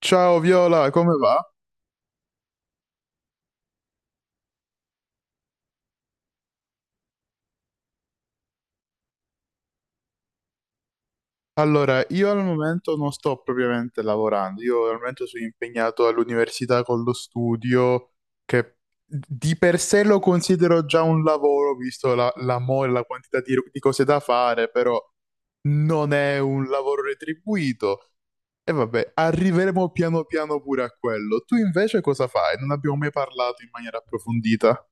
Ciao Viola, come va? Allora, io al momento non sto propriamente lavorando, io al momento sono impegnato all'università con lo studio, che di per sé lo considero già un lavoro, visto la mole, la quantità di cose da fare, però non è un lavoro retribuito. E vabbè, arriveremo piano piano pure a quello. Tu invece cosa fai? Non abbiamo mai parlato in maniera approfondita.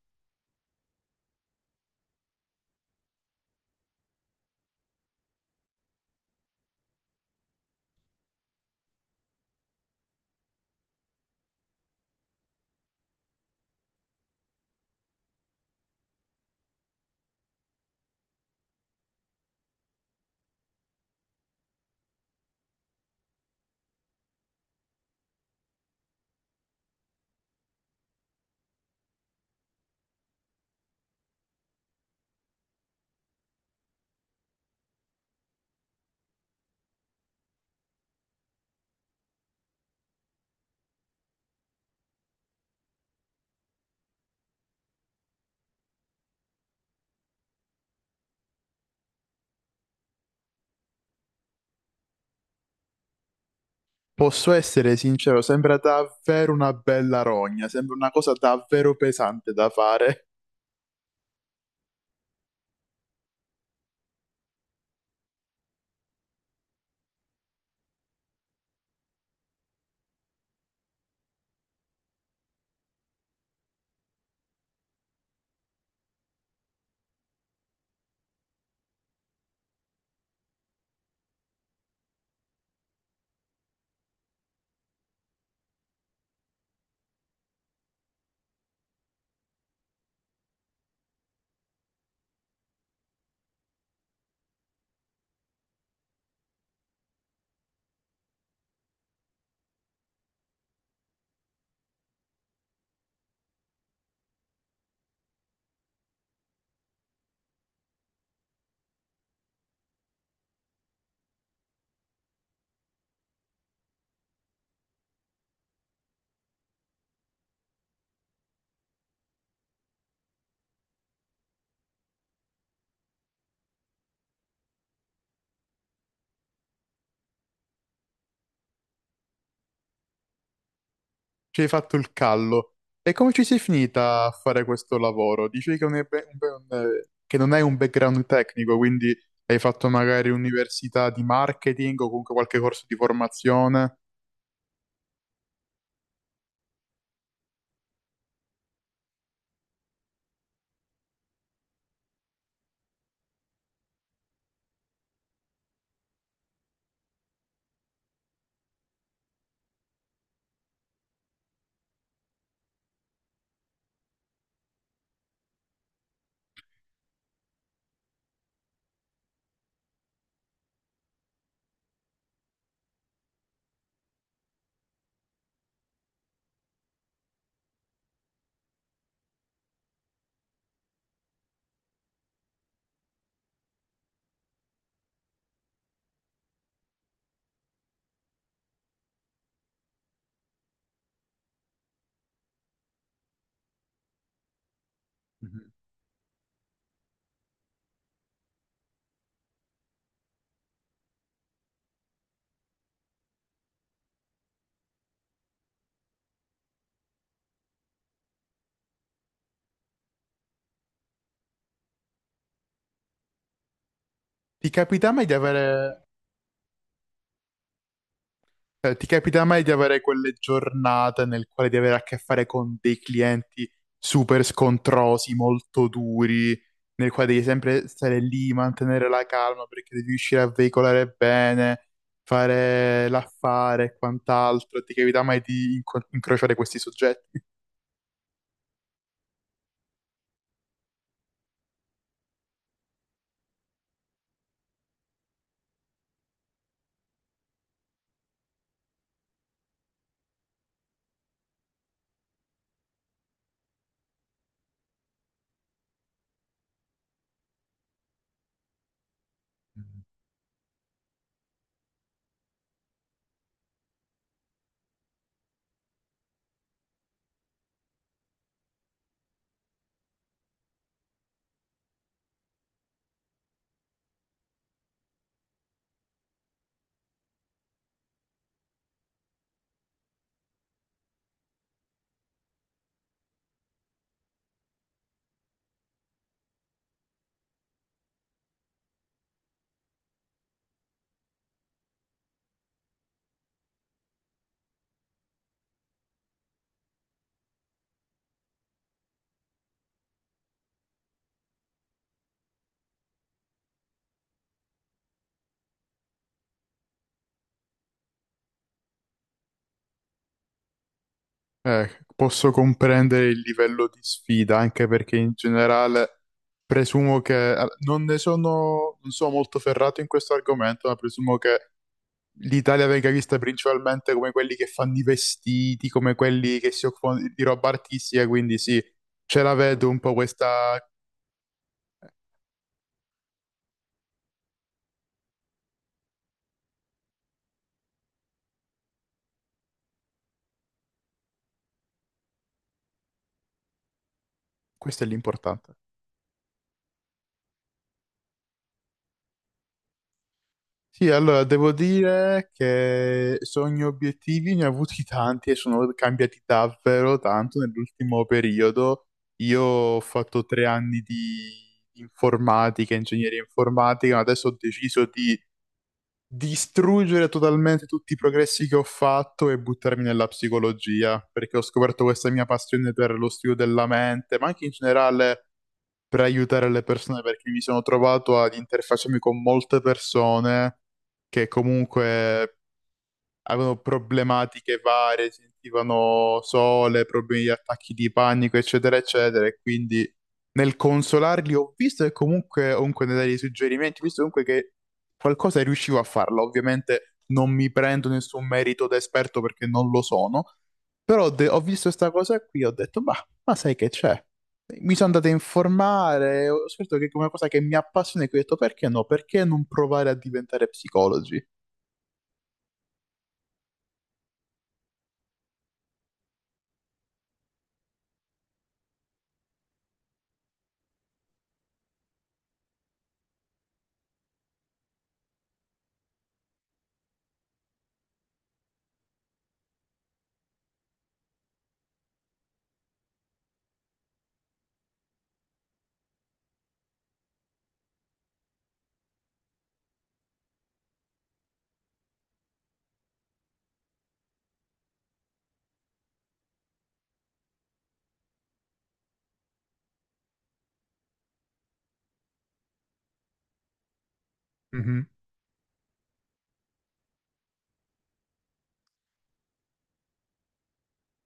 Posso essere sincero, sembra davvero una bella rogna, sembra una cosa davvero pesante da fare. Ci hai fatto il callo. E come ci sei finita a fare questo lavoro? Dicevi che non è che non hai un background tecnico, quindi hai fatto magari università di marketing o comunque qualche corso di formazione. Mhm. Ti capita mai di avere Cioè, ti capita mai di avere quelle giornate nel quale di avere a che fare con dei clienti super scontrosi, molto duri, nel quale devi sempre stare lì, mantenere la calma perché devi riuscire a veicolare bene, fare l'affare e quant'altro. Ti capita mai di incrociare questi soggetti? Posso comprendere il livello di sfida, anche perché in generale presumo che non sono molto ferrato in questo argomento, ma presumo che l'Italia venga vista principalmente come quelli che fanno i vestiti, come quelli che si occupano di roba artistica, quindi sì, ce la vedo un po' questa. Questo è l'importante. Sì, allora devo dire che sogni e obiettivi ne ho avuti tanti e sono cambiati davvero tanto nell'ultimo periodo. Io ho fatto 3 anni di informatica, ingegneria informatica, ma adesso ho deciso di distruggere totalmente tutti i progressi che ho fatto e buttarmi nella psicologia, perché ho scoperto questa mia passione per lo studio della mente, ma anche in generale per aiutare le persone, perché mi sono trovato ad interfacciarmi con molte persone che comunque avevano problematiche varie, sentivano sole, problemi di attacchi di panico, eccetera, eccetera. E quindi nel consolarli ho visto e comunque nel dare dei suggerimenti, ho visto comunque che qualcosa riuscivo a farlo. Ovviamente non mi prendo nessun merito da esperto perché non lo sono, però ho visto questa cosa qui e ho detto, ma, sai che c'è? Mi sono andato a informare, ho scoperto che è una cosa che mi appassiona e qui ho detto perché no? Perché non provare a diventare psicologi?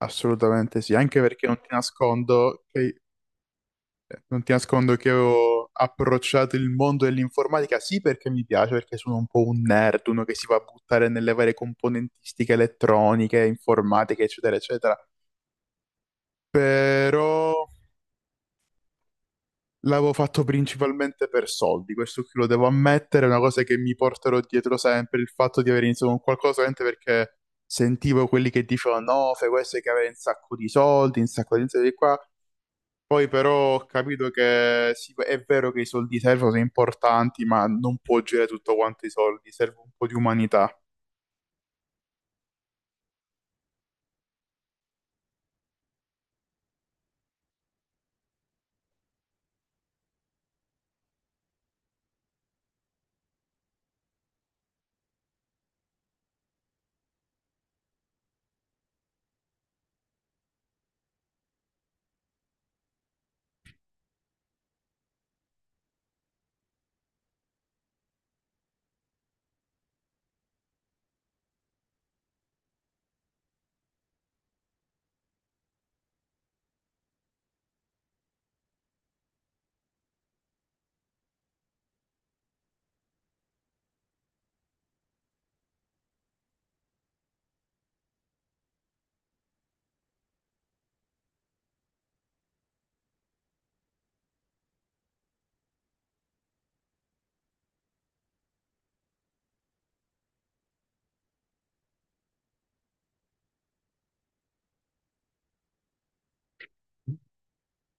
Assolutamente sì, anche perché non ti nascondo che ho approcciato il mondo dell'informatica, sì perché mi piace, perché sono un po' un nerd, uno che si va a buttare nelle varie componentistiche elettroniche, informatiche, eccetera, eccetera, però l'avevo fatto principalmente per soldi, questo qui lo devo ammettere, è una cosa che mi porterò dietro sempre, il fatto di aver iniziato con qualcosa solamente perché sentivo quelli che dicevano no, fai questo che avere un sacco di soldi, un sacco di soldi qua. Poi però ho capito che sì, è vero che i soldi servono, sono importanti, ma non può girare tutto quanto i soldi, serve un po' di umanità.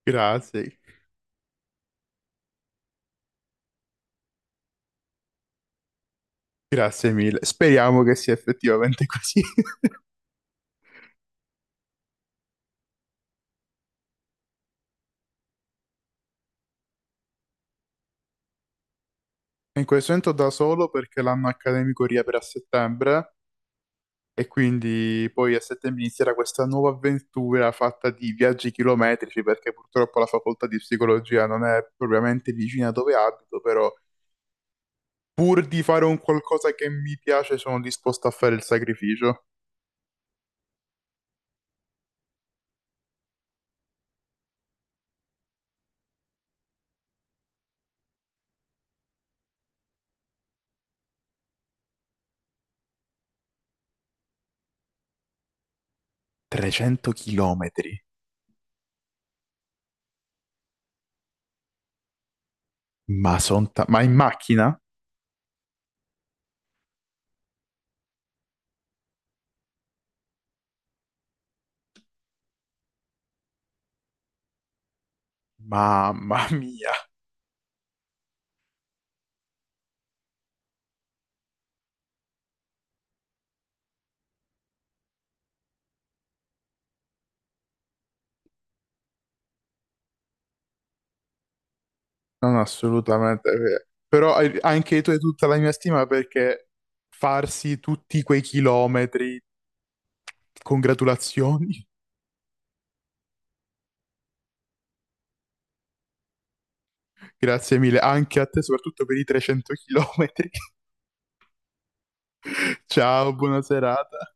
Grazie, grazie mille. Speriamo che sia effettivamente così. In questo momento da solo perché l'anno accademico riapre a settembre e quindi poi a settembre inizierà questa nuova avventura fatta di viaggi chilometrici perché purtroppo la facoltà di psicologia non è propriamente vicina dove abito, però pur di fare un qualcosa che mi piace sono disposto a fare il sacrificio. 300 chilometri, ma in macchina? Mamma mia, non assolutamente vero. Però anche tu hai tutta la mia stima perché farsi tutti quei chilometri, congratulazioni, Grazie mille, anche a te soprattutto per i 300 chilometri. Ciao, buona serata.